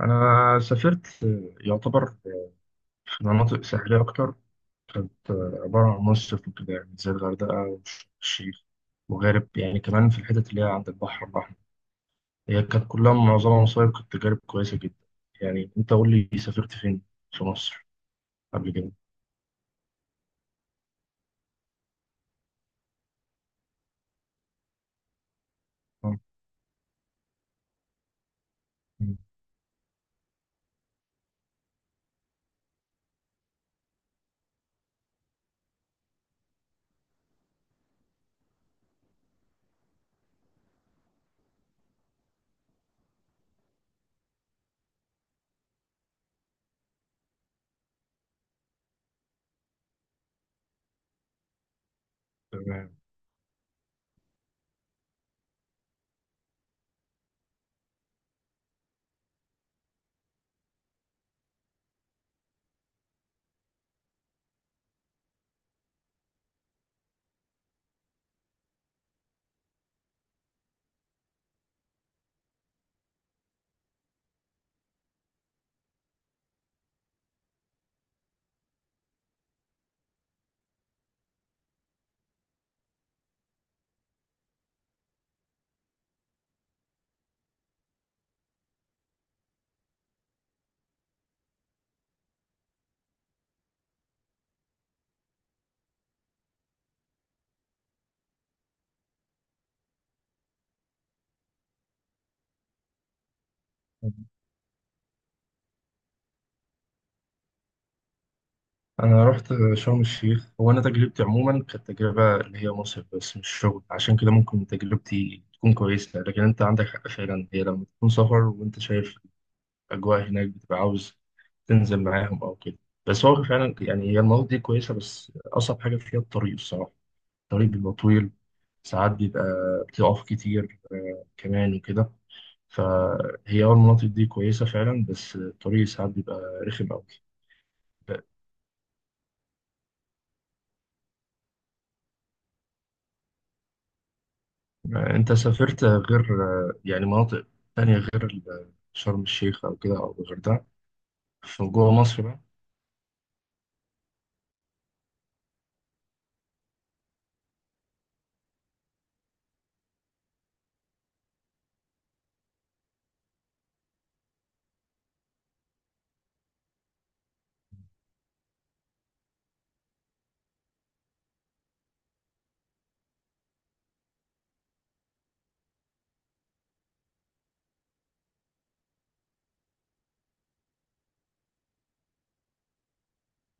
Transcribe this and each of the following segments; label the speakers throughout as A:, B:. A: أنا سافرت، يعتبر، في مناطق ساحلية أكتر. كانت عبارة عن مصيف وكده، يعني زي الغردقة والشيخ وغارب، يعني كمان في الحتت اللي هي عند البحر الأحمر. هي كانت كلها معظمها مصايف، كانت تجارب كويسة جدا. يعني أنت قول لي سافرت فين في مصر قبل كده؟ آه، تمام. أنا رحت شرم الشيخ. هو أنا تجربتي عموما كانت تجربة اللي هي مصيف بس مش شغل، عشان كده ممكن تجربتي تكون كويسة، لكن أنت عندك حق فعلا. هي لما تكون سفر وأنت شايف اجواء هناك بتبقى عاوز تنزل معاهم او كده. بس هو فعلا يعني هي المناطق دي كويسه، بس اصعب حاجه فيها الطريق الصراحه. الطريق بيبقى طويل، ساعات بيبقى بتقف كتير كمان وكده. فهي المناطق دي كويسه فعلا، بس الطريق ساعات بيبقى رخم قوي. انت سافرت غير يعني مناطق تانية غير شرم الشيخ او كده او الغردقه في جوه مصر بقى؟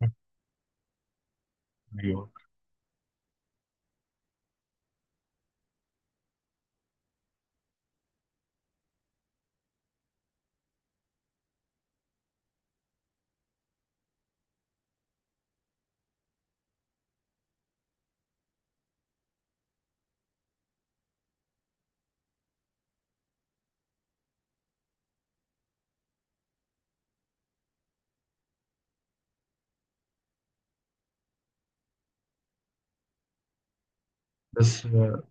A: ايوه. بس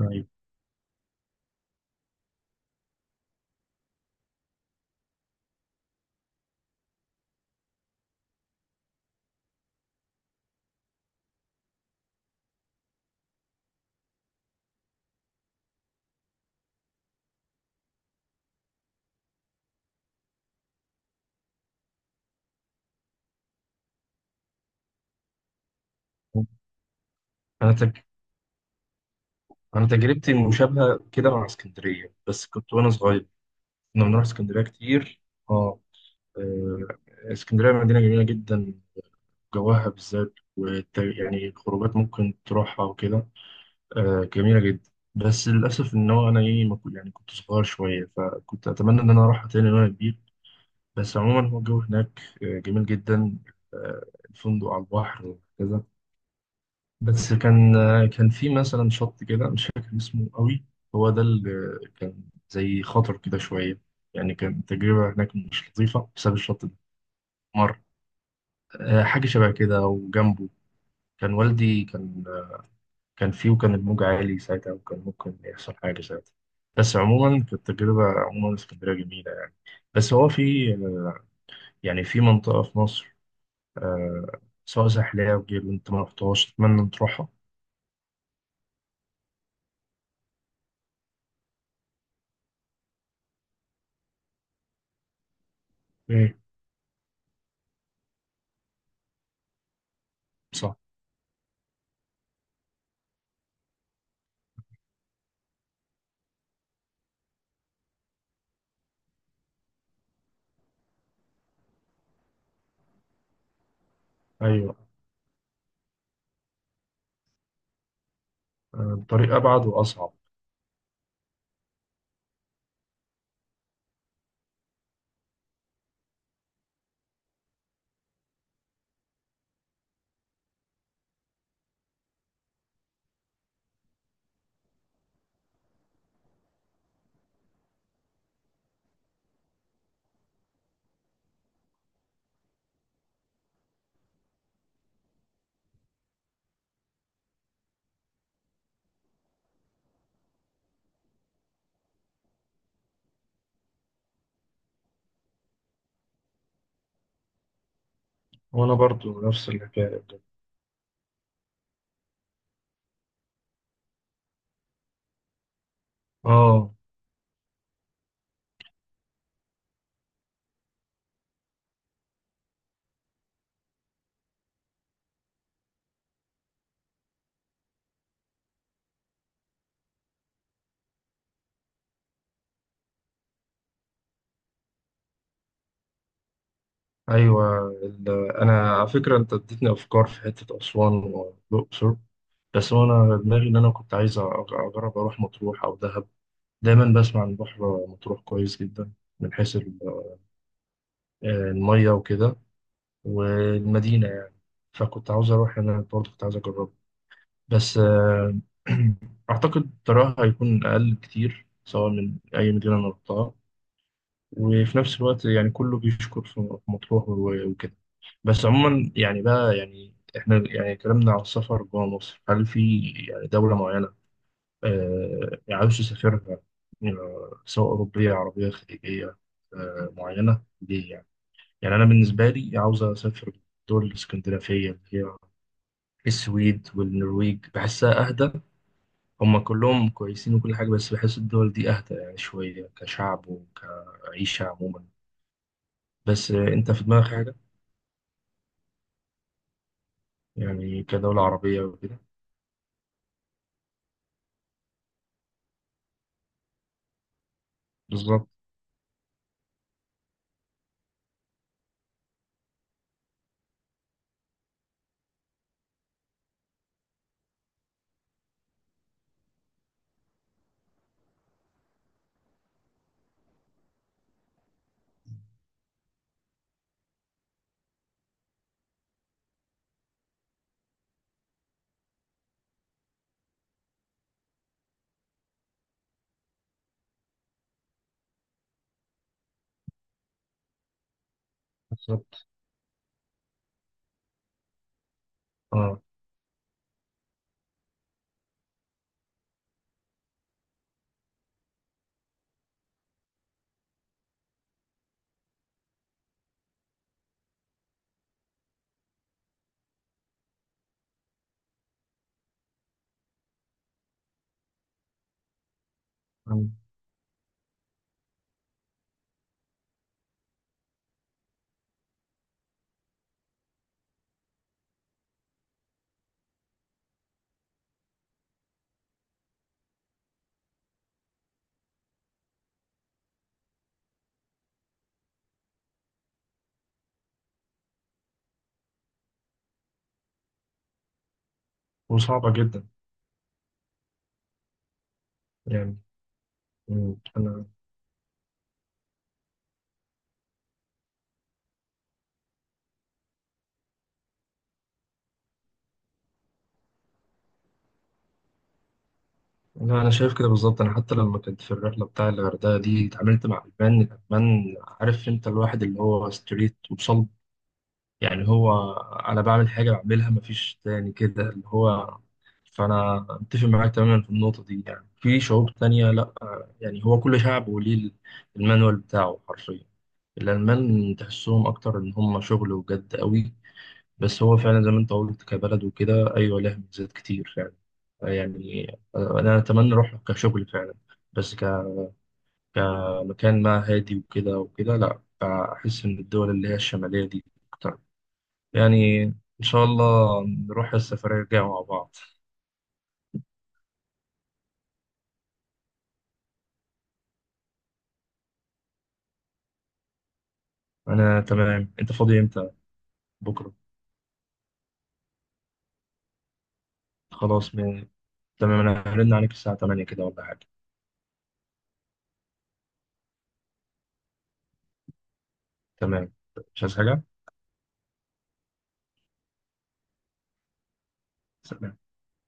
A: ايوه، انا أنا تجربتي مشابهة كده مع اسكندرية، بس كنت وأنا صغير. كنا بنروح اسكندرية كتير. آه آه، اسكندرية مدينة جميلة جدا، جواها بالذات يعني الخروجات ممكن تروحها وكده. جميلة جدا. بس للأسف إن هو أنا ما كنت- يعني كنت صغير شوية، فكنت أتمنى إن أنا أروحها تاني وأنا كبير. بس عموما هو الجو هناك جميل جدا. آه، الفندق على البحر وكذا. بس كان في مثلا شط كده مش فاكر اسمه قوي، هو ده اللي كان زي خطر كده شوية. يعني كان تجربة هناك مش لطيفة بسبب الشط ده. مر، حاجة شبه كده. وجنبه كان والدي، كان فيه، وكان الموج عالي ساعتها، وكان ممكن يحصل حاجة ساعتها. بس عموما كانت تجربة. عموما اسكندرية جميلة يعني. بس هو في، آه، يعني في منطقة في مصر، آه، سواء ساحلية أو غيره أنت ما رحتهاش، أتمنى أن تروحها. إيه. صح. أيوه. الطريق أبعد وأصعب. وانا برضو نفس الحكايه بجد. اه. ايوه. انا على فكره انت اديتني افكار في حته اسوان والاقصر، بس انا دماغي ان انا كنت عايز اجرب اروح مطروح او دهب. دايما بسمع عن بحر مطروح كويس جدا من حيث الميه وكده، والمدينه يعني. فكنت عاوز اروح، انا برضو كنت عايز اجرب. بس اعتقد تراها هيكون اقل كتير سواء من اي مدينه انا رحتها. وفي نفس الوقت يعني كله بيشكر في مطروح وكده. بس عموما يعني بقى، يعني احنا يعني اتكلمنا على السفر جوه مصر، هل في يعني دولة معينة عاوز تسافرها؟ سواء أوروبية عربية خليجية، معينة دي يعني. يعني أنا بالنسبة لي عاوز أسافر الدول الاسكندنافية اللي هي السويد والنرويج، بحسها أهدى. هما كلهم كويسين وكل حاجة، بس بحس الدول دي أهدى يعني شوية، كشعب وكعيشة عموما. بس انت في دماغك حاجة؟ يعني كدولة عربية وكده. بالظبط. بالظبط. اه عن- وصعبة جدا يعني. مم. انا لا، انا شايف كده بالظبط. انا حتى لما كنت في الرحلة بتاع الغردقة دي اتعاملت مع الالمان. عارف انت الواحد اللي هو ستريت وصلب، يعني هو انا بعمل حاجة بعملها مفيش تاني كده اللي هو. فانا متفق معاك تماما في النقطة دي، يعني في شعوب تانية لا، يعني هو كل شعب وليه المانوال بتاعه حرفيا. الألمان تحسهم أكتر إن هم شغل وجد قوي. بس هو فعلا زي ما أنت قلت كبلد وكده، أيوة لها ميزات كتير فعلا يعني. أنا أتمنى أروح كشغل فعلا، بس كمكان ما، هادي وكده وكده، لأ، أحس إن الدول اللي هي الشمالية دي أكتر يعني. إن شاء الله نروح السفرية الجاية مع بعض. أنا تمام، أنت فاضي إمتى؟ بكرة؟ خلاص تمام، أنا هرن عليك الساعة 8 كده ولا حاجة. تمام. مش عايز حاجة؟ سلام.